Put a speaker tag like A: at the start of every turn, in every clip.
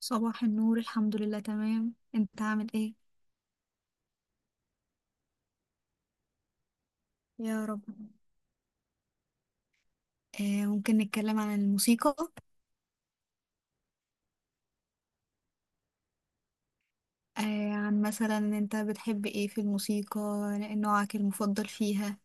A: صباح النور، الحمد لله تمام. انت عامل ايه؟ يا رب. ممكن نتكلم عن الموسيقى. آه، عن مثلا انت بتحب ايه في الموسيقى؟ نوعك المفضل فيها؟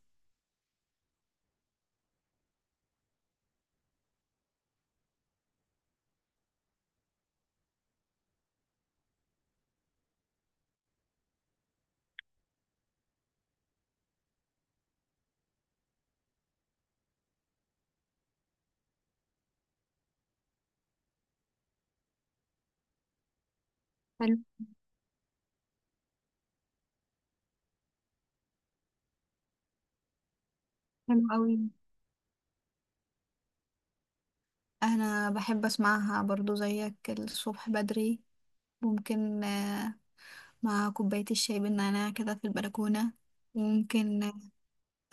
A: حلو. حلو قوي. انا بحب اسمعها برضو زيك الصبح بدري، ممكن آه، مع كوباية الشاي بالنعناع كده في البلكونة. ممكن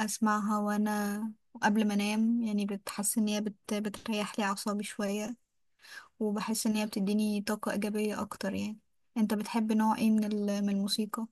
A: اسمعها وانا قبل ما انام، يعني بتحس ان هي بتريح لي اعصابي شوية، وبحس ان هي بتديني طاقة ايجابية اكتر يعني. انت بتحب نوع ايه من من الموسيقى؟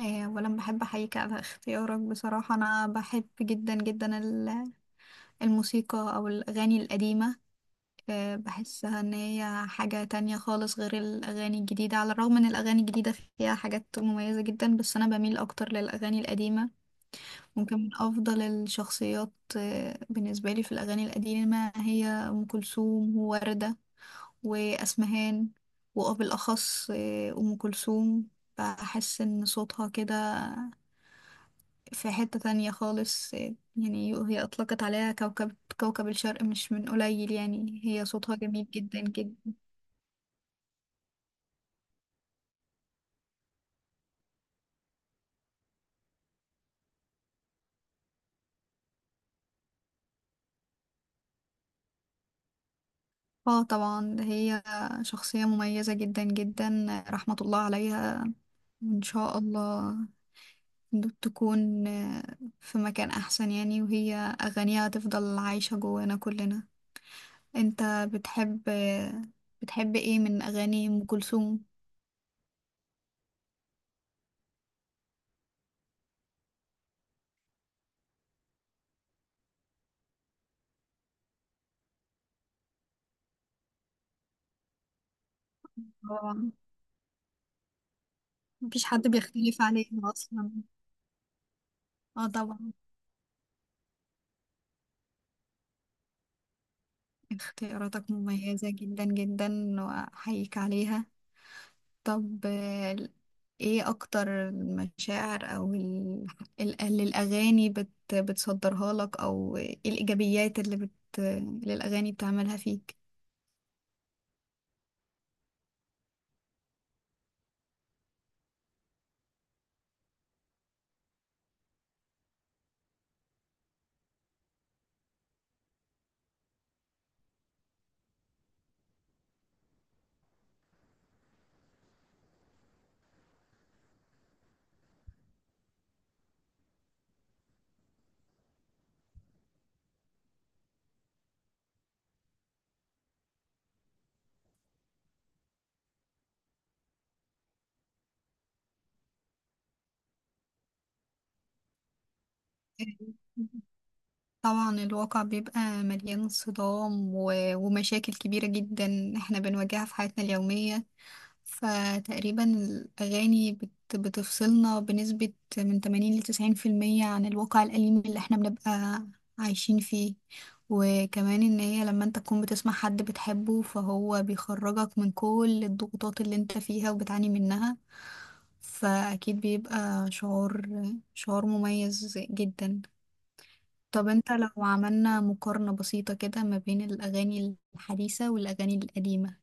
A: آه، ولا بحب احييك على اختيارك. بصراحة انا بحب جدا جدا الموسيقى او الاغاني القديمة. آه، بحسها ان هي حاجة تانية خالص غير الاغاني الجديدة، على الرغم ان الاغاني الجديدة فيها حاجات مميزة جدا، بس انا بميل اكتر للاغاني القديمة. ممكن من افضل الشخصيات آه، بالنسبة لي في الاغاني القديمة هي ام كلثوم، ووردة، وأسمهان، وبالأخص آه، أم كلثوم. بحس إن صوتها كده في حتة تانية خالص. آه، يعني هي أطلقت عليها كوكب، كوكب الشرق مش من قليل. يعني هي صوتها جميل جدا جدا. اه طبعا، هي شخصية مميزة جدا جدا، رحمة الله عليها، وإن شاء الله تكون آه، في مكان أحسن يعني، وهي أغانيها تفضل عايشة جوانا كلنا. انت بتحب بتحب ايه من اغاني ام كلثوم؟ طبعا مفيش حد بيختلف عليها اصلا. اه طبعا. اختياراتك مميزة جدا جدا، واحييك عليها. طب آه، ايه اكتر المشاعر او اللي الاغاني بتصدرها لك؟ او ايه الايجابيات اللي اللي الاغاني بتعملها فيك؟ طبعا الواقع بيبقى مليان صدام ومشاكل كبيرة جدا احنا بنواجهها في حياتنا اليومية. فتقريبا الأغاني بتفصلنا بنسبة من 80 لتسعين في المية عن الواقع الأليم اللي احنا بنبقى عايشين فيه. وكمان ان هي لما انت تكون بتسمع حد بتحبه فهو بيخرجك من كل الضغوطات اللي انت فيها وبتعاني منها. فأكيد بيبقى شعور مميز جدا. طب انت لو عملنا مقارنة بسيطة كده ما بين الأغاني الحديثة والأغاني القديمة،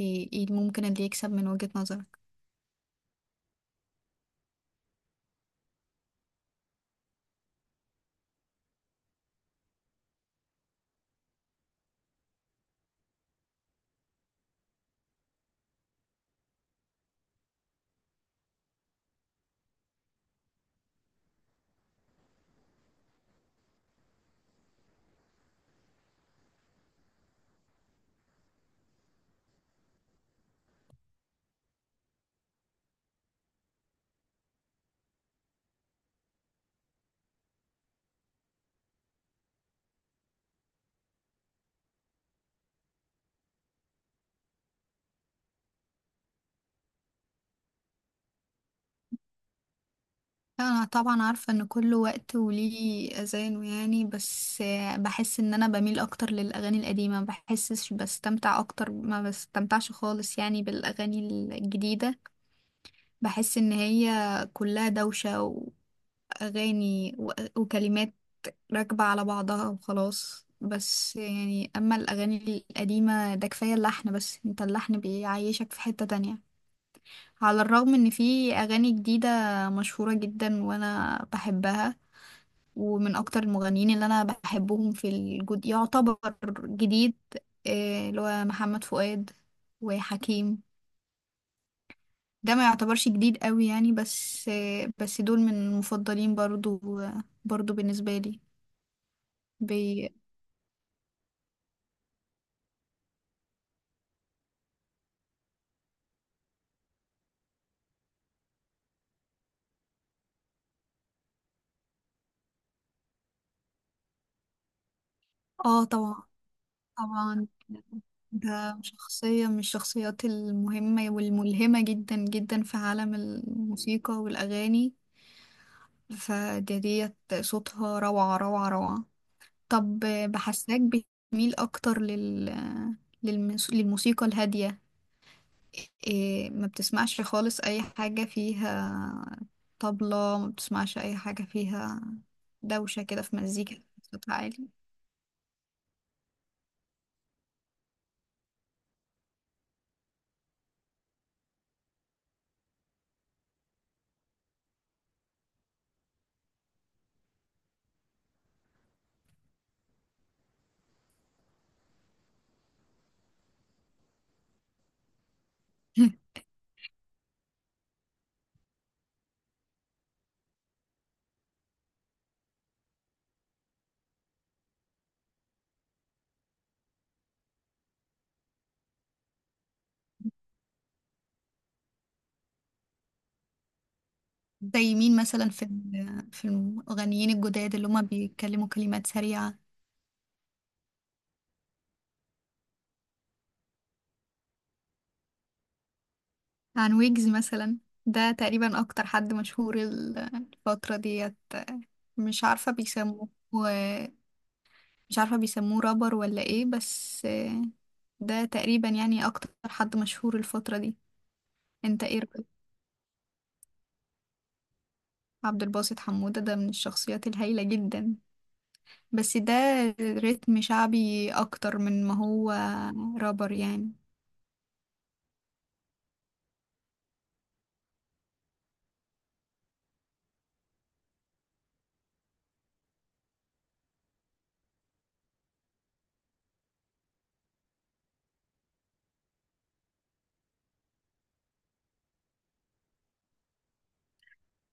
A: ايه ممكن اللي يكسب من وجهة نظرك؟ انا طبعا عارفة ان كل وقت وليه اذانه يعني، بس آه، بحس ان انا بميل اكتر للأغاني القديمة. ما بحسش بستمتع اكتر، ما بستمتعش خالص يعني بالأغاني الجديدة. بحس ان هي كلها دوشة، وأغاني وكلمات راكبة على بعضها وخلاص بس يعني. أما الأغاني القديمة ده كفاية اللحن بس، انت اللحن بيعيشك في حتة تانية. على الرغم ان في أغاني جديدة مشهورة جدا وانا بحبها، ومن اكتر المغنيين اللي انا بحبهم في الجد يعتبر جديد آه، اللي هو محمد فؤاد وحكيم. ده ما يعتبرش جديد قوي يعني، بس آه، بس دول من المفضلين برضو برضو بالنسبة لي. بي... اه طبعا. طبعا. ده شخصية من الشخصيات المهمة والملهمة جدا جدا في عالم الموسيقى والأغاني. فديت صوتها، روعة روعة. طب بحساك بتميل أكتر للموسيقى الهادية، إيه. ما بتسمعش خالص أي حاجة فيها طبلة، ما بتسمعش أي حاجة فيها دوشة كده في مزيكا، صوتها عالي. زي مين مثلا في في المغنيين الجداد اللي هما بيتكلموا كلمات سريعة؟ عن ويجز مثلا، ده تقريبا اكتر حد مشهور الفترة ديت. مش عارفة بيسموه، مش عارفة بيسموه رابر ولا ايه، بس ده تقريبا يعني اكتر حد مشهور الفترة دي. انت ايه رأيك؟ عبد الباسط حمودة ده من الشخصيات الهايلة جدا، بس ده رتم شعبي اكتر من ما هو رابر يعني.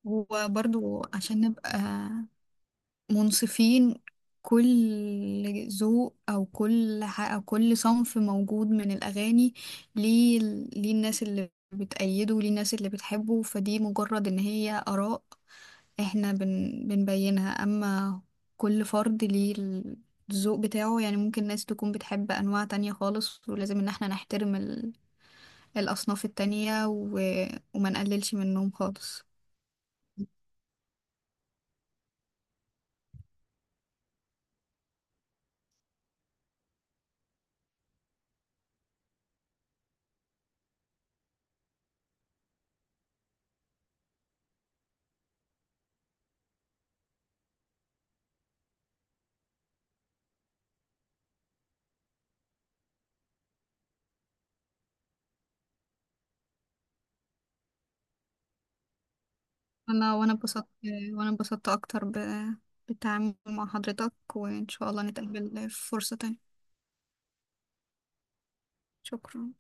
A: وبرضو عشان نبقى منصفين، كل ذوق او كل او كل صنف موجود من الاغاني ليه، ليه الناس اللي بتأيده وليه الناس اللي بتحبه. فدي مجرد ان هي اراء احنا بنبينها. اما كل فرد ليه الذوق بتاعه يعني، ممكن ناس تكون بتحب انواع تانية خالص، ولازم ان احنا نحترم الاصناف التانية، و... وما نقللش منهم خالص. انا وانا اتبسطت، وانا اتبسطت اكتر ب... بالتعامل مع حضرتك، وان شاء الله نتقابل في فرصة تانية. شكرا.